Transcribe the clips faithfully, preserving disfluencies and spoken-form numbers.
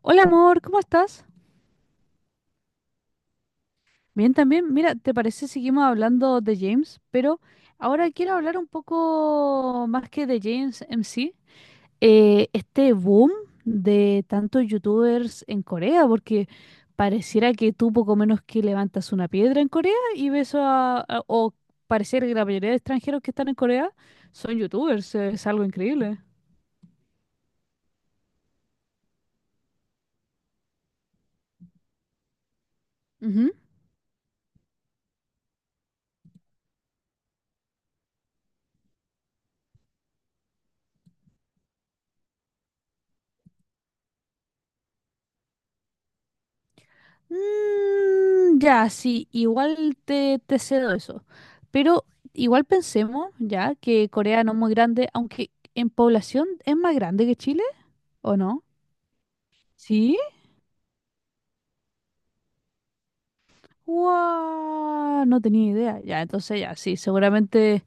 Hola amor, ¿cómo estás? Bien también. Mira, ¿te parece seguimos hablando de James? Pero ahora quiero hablar un poco más que de James M C. Eh, este boom de tantos youtubers en Corea, porque pareciera que tú poco menos que levantas una piedra en Corea y ves a, a- o pareciera que la mayoría de extranjeros que están en Corea son youtubers, es algo increíble. Mm, ya, sí, igual te, te cedo eso. Pero igual pensemos, ya, que Corea no es muy grande, aunque en población es más grande que Chile, ¿o no? ¿Sí? ¡Wow! No tenía idea. Ya, entonces ya, sí, seguramente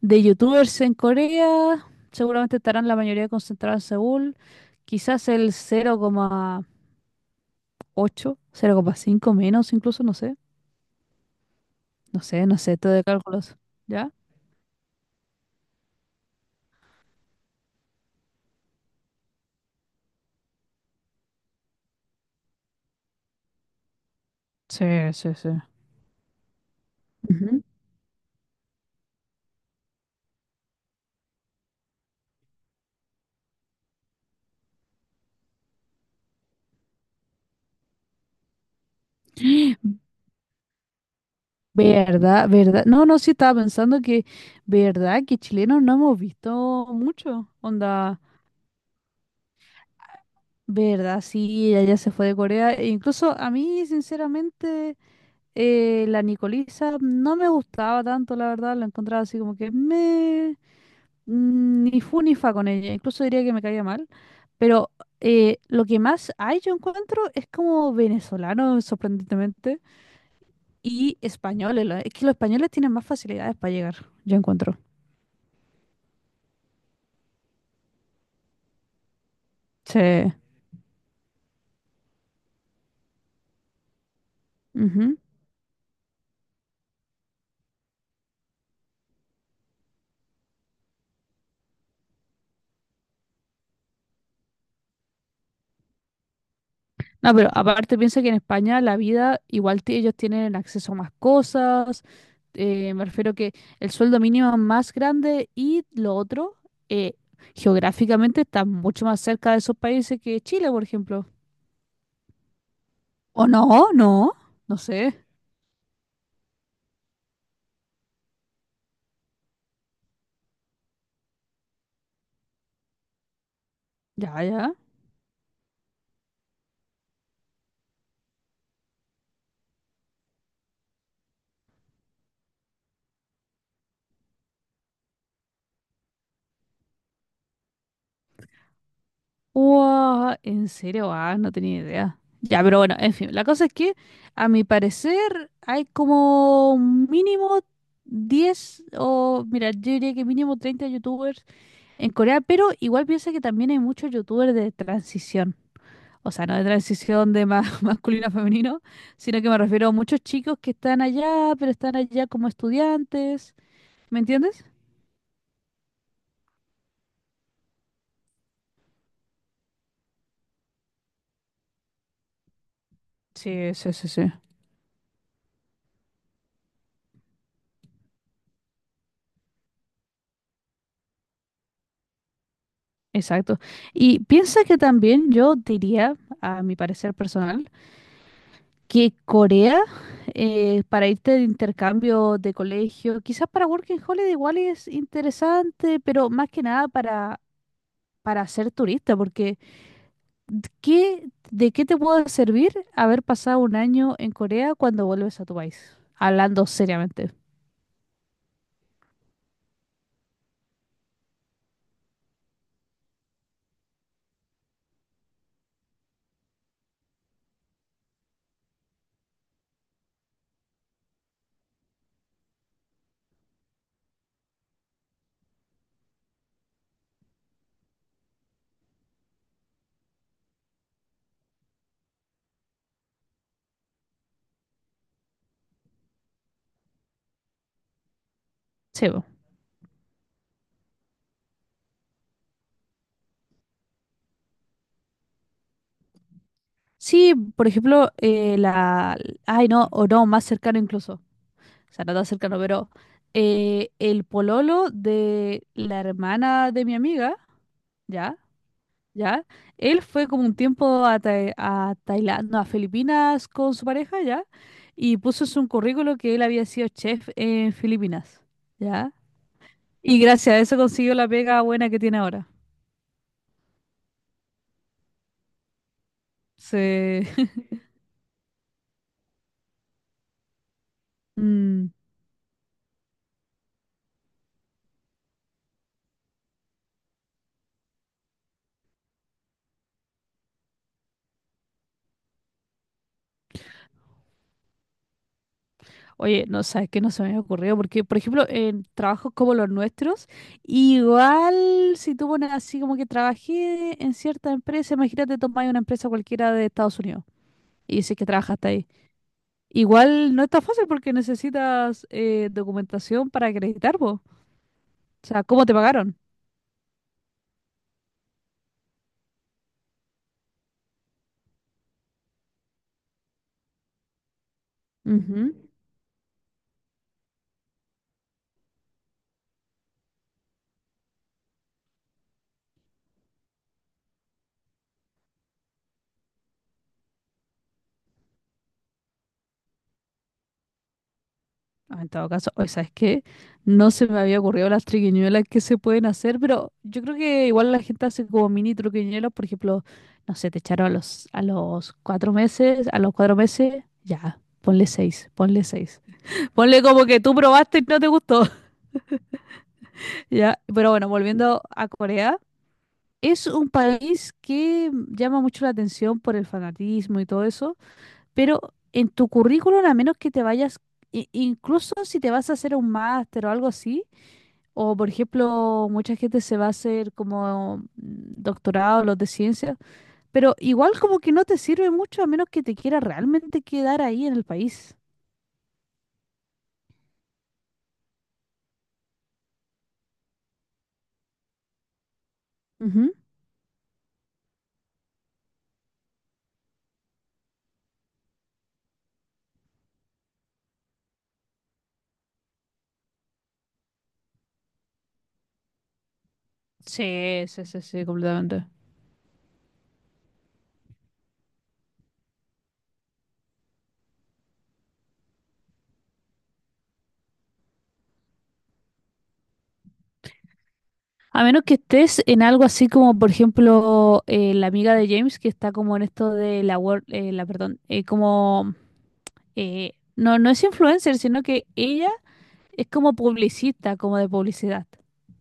de youtubers en Corea, seguramente estarán la mayoría concentrados en Seúl, quizás el cero cero coma ocho cero coma cinco menos incluso, no sé, no sé, no sé, todo de cálculos, ¿ya? Sí, sí, sí. ¿Verdad? ¿Verdad? No, no, sí estaba pensando que, ¿verdad? Que chilenos no hemos visto mucho. Onda, ¿verdad? Sí, ella ya se fue de Corea. E incluso a mí, sinceramente, eh, la Nicolisa no me gustaba tanto, la verdad. La encontraba así como que me... mm, ni fu ni fa con ella. Incluso diría que me caía mal. Pero eh, lo que más hay, yo encuentro, es como venezolano, sorprendentemente. Y españoles, lo- es que los españoles tienen más facilidades para llegar, yo encuentro. Sí. Ujú. No, pero aparte piensa que en España la vida, igual ti- ellos tienen acceso a más cosas, eh, me refiero que el sueldo mínimo es más grande y lo otro, eh, geográficamente está mucho más cerca de esos países que Chile, por ejemplo. ¿O no? No, no sé. Ya, ya. Wow, ¿en serio? Ah, no tenía idea. Ya, pero bueno, en fin, la cosa es que a mi parecer hay como mínimo diez o, mira, yo diría que mínimo treinta youtubers en Corea, pero igual piensa que también hay muchos youtubers de transición. O sea, no de transición de ma- masculino a femenino, sino que me refiero a muchos chicos que están allá, pero están allá como estudiantes. ¿Me entiendes? Sí, sí, sí, sí. Exacto. Y piensa que también yo diría, a mi parecer personal, que Corea, eh, para irte de intercambio de colegio, quizás para Working Holiday igual es interesante, pero más que nada para, para ser turista, porque ¿qué, de qué te puede servir haber pasado un año en Corea cuando vuelves a tu país? Hablando seriamente. Sí, po. Sí, por ejemplo, eh, la... Ay, no, o no, más cercano incluso. O sea, no tan cercano, pero eh, el pololo de la hermana de mi amiga, ya, ya, él fue como un tiempo a, Tai- a Tailandia, no, a Filipinas con su pareja, ya, y puso en su currículo que él había sido chef en Filipinas, ya, y gracias a eso consiguió la pega buena que tiene ahora. Sí. Mm. Oye, no sabes que no se me había ocurrido, porque, por ejemplo, en trabajos como los nuestros, igual si tú pones así como que trabajé en cierta empresa, imagínate tomar una empresa cualquiera de Estados Unidos y dices que trabajaste ahí. Igual no está fácil porque necesitas eh, documentación para acreditar, po. O sea, ¿cómo te pagaron? Ujú. Ah, en todo caso, o sea, es que no se me había ocurrido las triquiñuelas que se pueden hacer, pero yo creo que igual la gente hace como mini triquiñuelas, por ejemplo, no sé, te echaron a los, a los cuatro meses, a los cuatro meses, ya, ponle seis, ponle seis. Ponle como que tú probaste y no te gustó, ya. Pero bueno, volviendo a Corea, es un país que llama mucho la atención por el fanatismo y todo eso, pero en tu currículum, a menos que te vayas, i- incluso si te vas a hacer un máster o algo así, o, por ejemplo, mucha gente se va a hacer como mm, doctorado, los de ciencia, pero igual como que no te sirve mucho a menos que te quiera realmente quedar ahí en el país. Ujú. Sí, sí, sí, sí, completamente. A menos que estés en algo así como, por ejemplo, eh, la amiga de James que está como en esto de la, wor- eh, la perdón, eh, como, eh, no, no es influencer, sino que ella es como publicista, como de publicidad.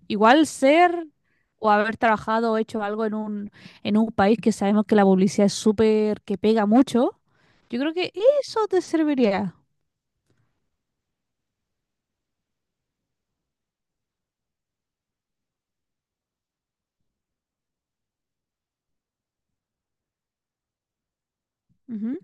Igual ser o haber trabajado o hecho algo en un, en un país que sabemos que la publicidad es súper, que pega mucho, yo creo que eso te serviría. Ujú.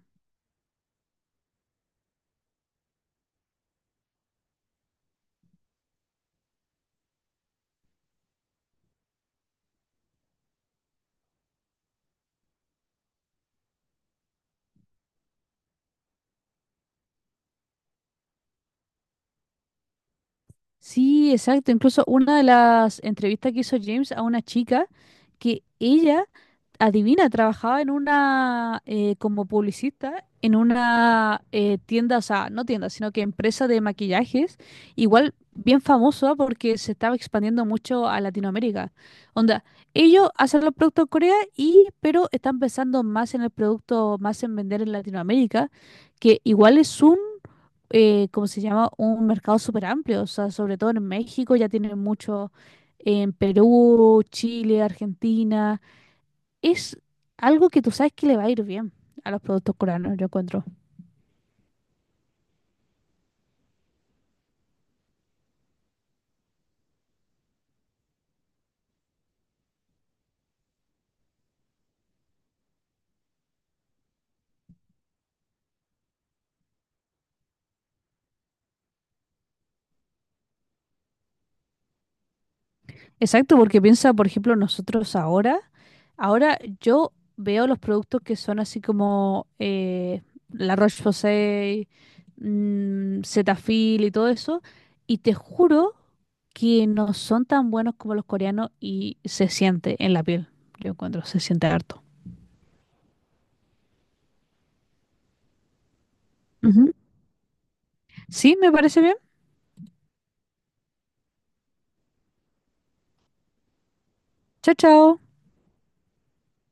Sí, exacto. Incluso una de las entrevistas que hizo James a una chica, que ella adivina, trabajaba en una, eh, como publicista, en una eh, tienda, o sea, no tienda, sino que empresa de maquillajes, igual bien famosa porque se estaba expandiendo mucho a Latinoamérica. Onda, ellos hacen los productos en Corea y, pero están pensando más en el producto, más en vender en Latinoamérica, que igual es un, eh, ¿cómo se llama? Un mercado súper amplio, o sea, sobre todo en México ya tienen mucho, en Perú, Chile, Argentina es algo que tú sabes que le va a ir bien a los productos coreanos, yo encuentro. Exacto, porque piensa, por ejemplo, nosotros ahora, ahora yo veo los productos que son así como eh, La Roche-Posay, mm, Cetaphil y todo eso, y te juro que no son tan buenos como los coreanos y se siente en la piel, yo encuentro, se siente harto. Ujú. Sí, me parece bien. Chao, chao.